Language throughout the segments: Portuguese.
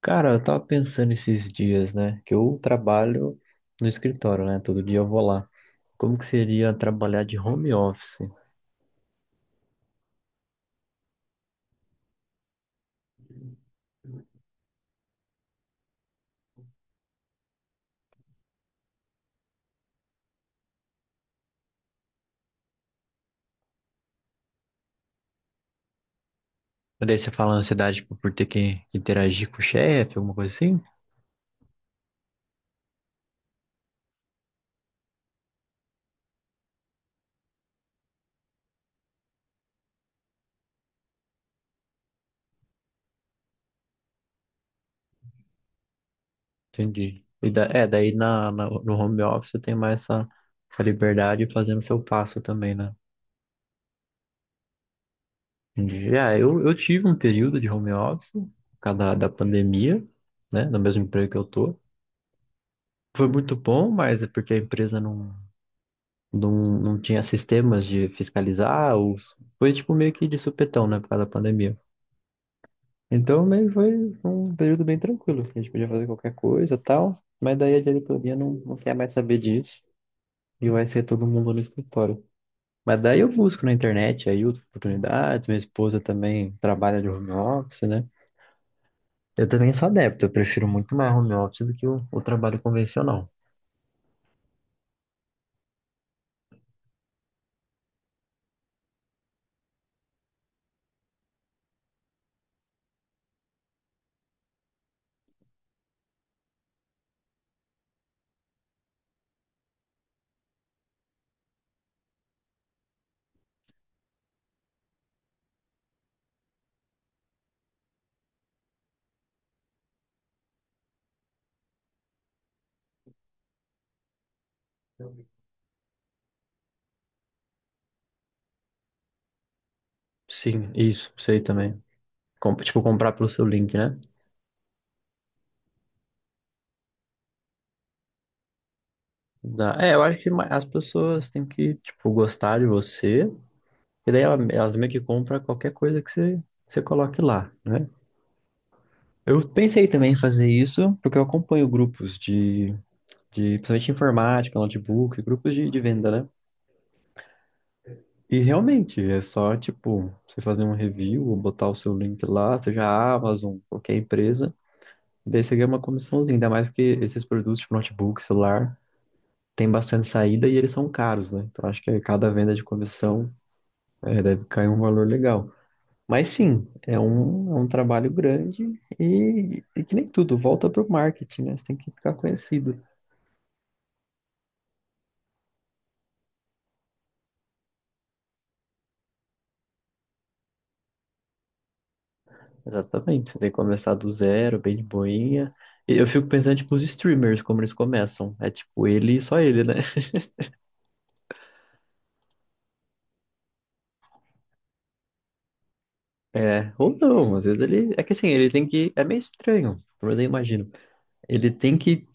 Cara, eu tava pensando esses dias, né? Que eu trabalho no escritório, né? Todo dia eu vou lá. Como que seria trabalhar de home office? Mas daí você fala ansiedade, tipo, por ter que interagir com o chefe, alguma coisa assim? Entendi. No home office você tem mais essa liberdade fazendo seu passo também, né? Já, eu tive um período de home office por causa da pandemia, né? No mesmo emprego que eu tô. Foi muito bom, mas é porque a empresa não, não tinha sistemas de fiscalizar, ou foi tipo meio que de supetão, né? Por causa da pandemia. Então, meio foi um período bem tranquilo, que a gente podia fazer qualquer coisa e tal, mas daí a diretoria não quer mais saber disso e vai ser todo mundo no escritório. Mas daí eu busco na internet aí outras oportunidades, minha esposa também trabalha de home office, né? Eu também sou adepto, eu prefiro muito mais home office do que o trabalho convencional. Sim, isso, sei também. Tipo, comprar pelo seu link, né? Dá. É, eu acho que as pessoas têm que, tipo, gostar de você, e daí elas meio que compram qualquer coisa que você coloque lá, né? Eu pensei também em fazer isso, porque eu acompanho grupos de principalmente informática, notebook, grupos de venda, né? E realmente, é só, tipo, você fazer um review, ou botar o seu link lá, seja a Amazon, qualquer empresa. Daí você ganha uma comissãozinha, ainda mais porque esses produtos de notebook, celular, tem bastante saída e eles são caros, né? Então acho que cada venda de comissão é, deve cair um valor legal. Mas sim, é é um trabalho grande e que nem tudo, volta pro marketing, né? Você tem que ficar conhecido. Exatamente, você tem que começar do zero, bem de boinha. E eu fico pensando, tipo, os streamers, como eles começam. É tipo, ele e só ele, né? É, ou não, às vezes ele. É que assim, ele tem que. É meio estranho, mas eu imagino. Ele tem que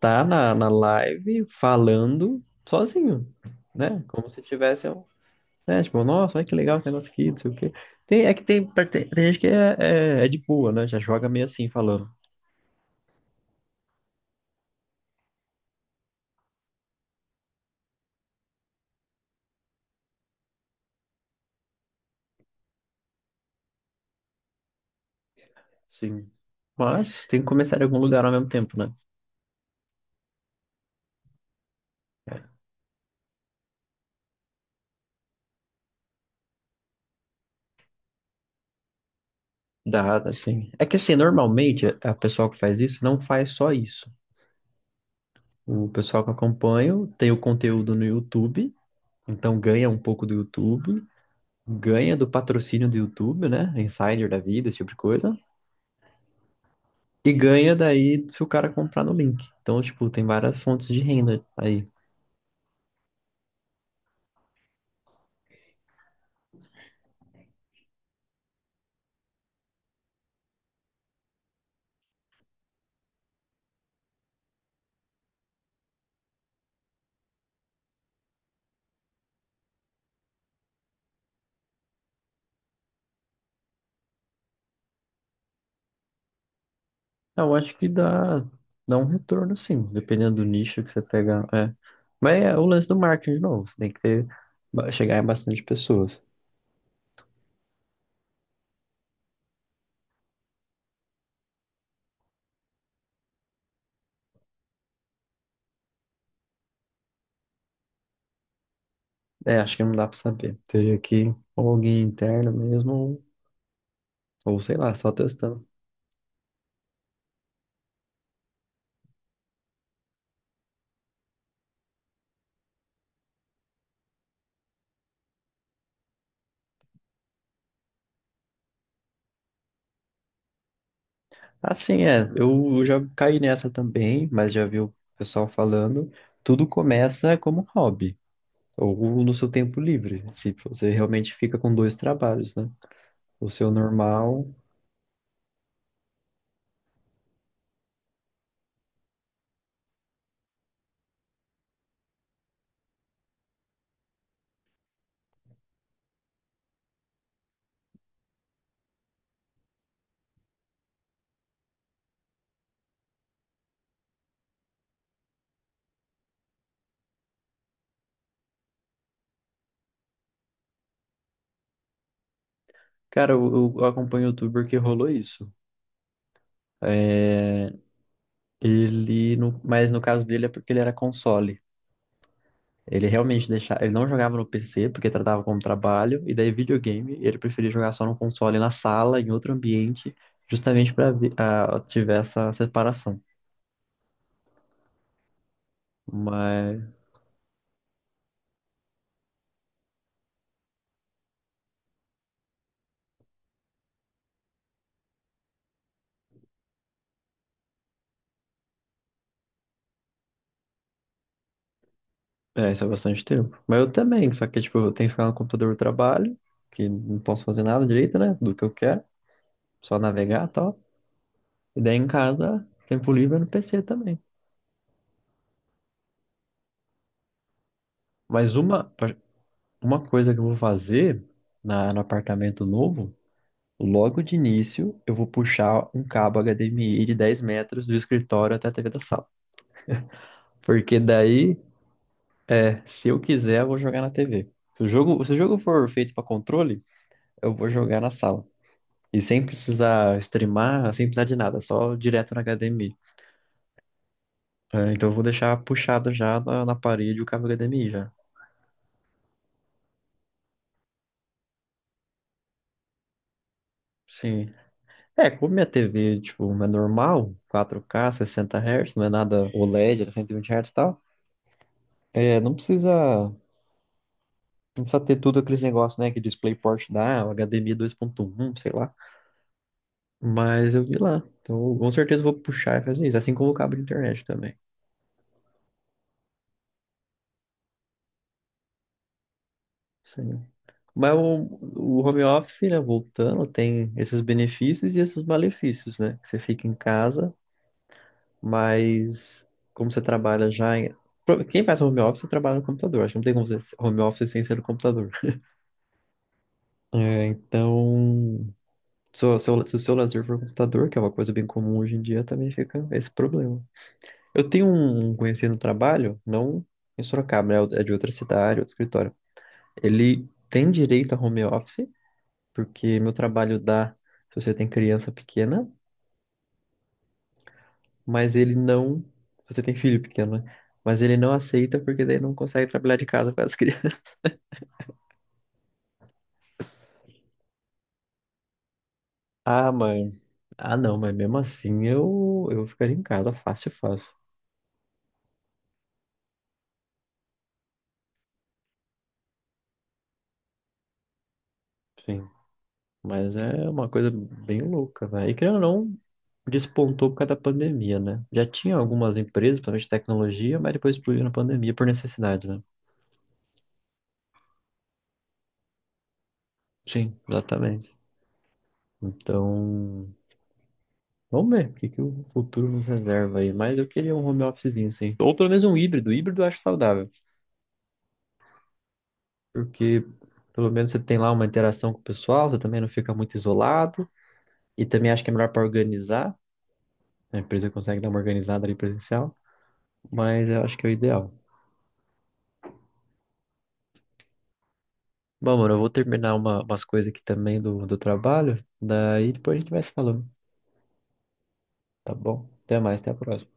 tá na live falando sozinho, né? Como se tivesse um. Né? Tipo, nossa, olha que legal esse negócio aqui, não sei o quê. Tem, é que tem gente que é de boa, né? Já joga meio assim, falando. Sim. Mas tem que começar em algum lugar ao mesmo tempo, né? Dá, assim. É que assim, normalmente a pessoa que faz isso não faz só isso. O pessoal que eu acompanho tem o conteúdo no YouTube, então ganha um pouco do YouTube, ganha do patrocínio do YouTube, né? Insider da vida, esse tipo de coisa. E ganha daí se o cara comprar no link. Então, tipo, tem várias fontes de renda aí. Eu acho que dá um retorno, sim, dependendo do nicho que você pegar. É. Mas é o lance do marketing de novo. Você tem que ter, chegar em bastante pessoas. É, acho que não dá pra saber. Teria que ou alguém interno mesmo, ou sei lá, só testando. Assim, é, eu já caí nessa também, mas já vi o pessoal falando. Tudo começa como hobby. Ou no seu tempo livre, se você realmente fica com dois trabalhos, né? O seu normal. Cara, eu acompanho o youtuber que rolou isso. É, ele, no, mas no caso dele é porque ele era console. Ele realmente deixava, ele não jogava no PC porque tratava como trabalho, e daí videogame, ele preferia jogar só no console, na sala, em outro ambiente, justamente para tiver essa separação. Mas é, isso é bastante tempo. Mas eu também, só que, tipo, eu tenho que ficar no computador do trabalho, que não posso fazer nada direito, né? Do que eu quero, só navegar e tal. E daí em casa, tempo livre é no PC também. Mas uma coisa que eu vou fazer no apartamento novo, logo de início, eu vou puxar um cabo HDMI de 10 metros do escritório até a TV da sala. Porque daí, é, se eu quiser, eu vou jogar na TV. Se o jogo, se o jogo for feito para controle, eu vou jogar na sala. E sem precisar streamar, sem precisar de nada, só direto na HDMI. É, então eu vou deixar puxado já na parede o cabo HDMI já. Sim. É, como minha TV, tipo, é normal, 4K, 60 Hz, não é nada OLED, era 120 Hz e tal. É, não precisa ter tudo aqueles negócios, né, que DisplayPort dá, o HDMI 2.1, sei lá. Mas eu vi lá. Então, com certeza eu vou puxar e fazer isso, assim como o cabo de internet também. Sim. Mas o home office, né, voltando, tem esses benefícios e esses malefícios, né? Que você fica em casa, mas como você trabalha já em... Quem faz home office trabalha no computador. Acho que não tem como fazer home office sem ser no computador. É, então, se o seu, se o seu lazer for o computador, que é uma coisa bem comum hoje em dia, também fica esse problema. Eu tenho um conhecido no trabalho, não em Sorocaba, né? É de outra cidade, outro escritório. Ele tem direito a home office, porque meu trabalho dá se você tem criança pequena, mas ele não, se você tem filho pequeno, né? Mas ele não aceita porque daí não consegue trabalhar de casa com as crianças. Ah, mãe. Ah, não, mas mesmo assim eu ficaria em casa fácil, fácil. Sim, mas é uma coisa bem louca, né? E querendo ou não, despontou por causa da pandemia, né? Já tinha algumas empresas, principalmente de tecnologia, mas depois explodiu na pandemia por necessidade, né? Sim, exatamente. Então, vamos ver que o futuro nos reserva aí. Mas eu queria um home officezinho, sim. Ou pelo menos um híbrido. Híbrido eu acho saudável. Porque pelo menos você tem lá uma interação com o pessoal, você também não fica muito isolado. E também acho que é melhor para organizar. A empresa consegue dar uma organizada ali presencial. Mas eu acho que é o ideal. Bom, mano, eu vou terminar umas coisas aqui também do, do trabalho. Daí depois a gente vai se falando. Tá bom? Até mais, até a próxima.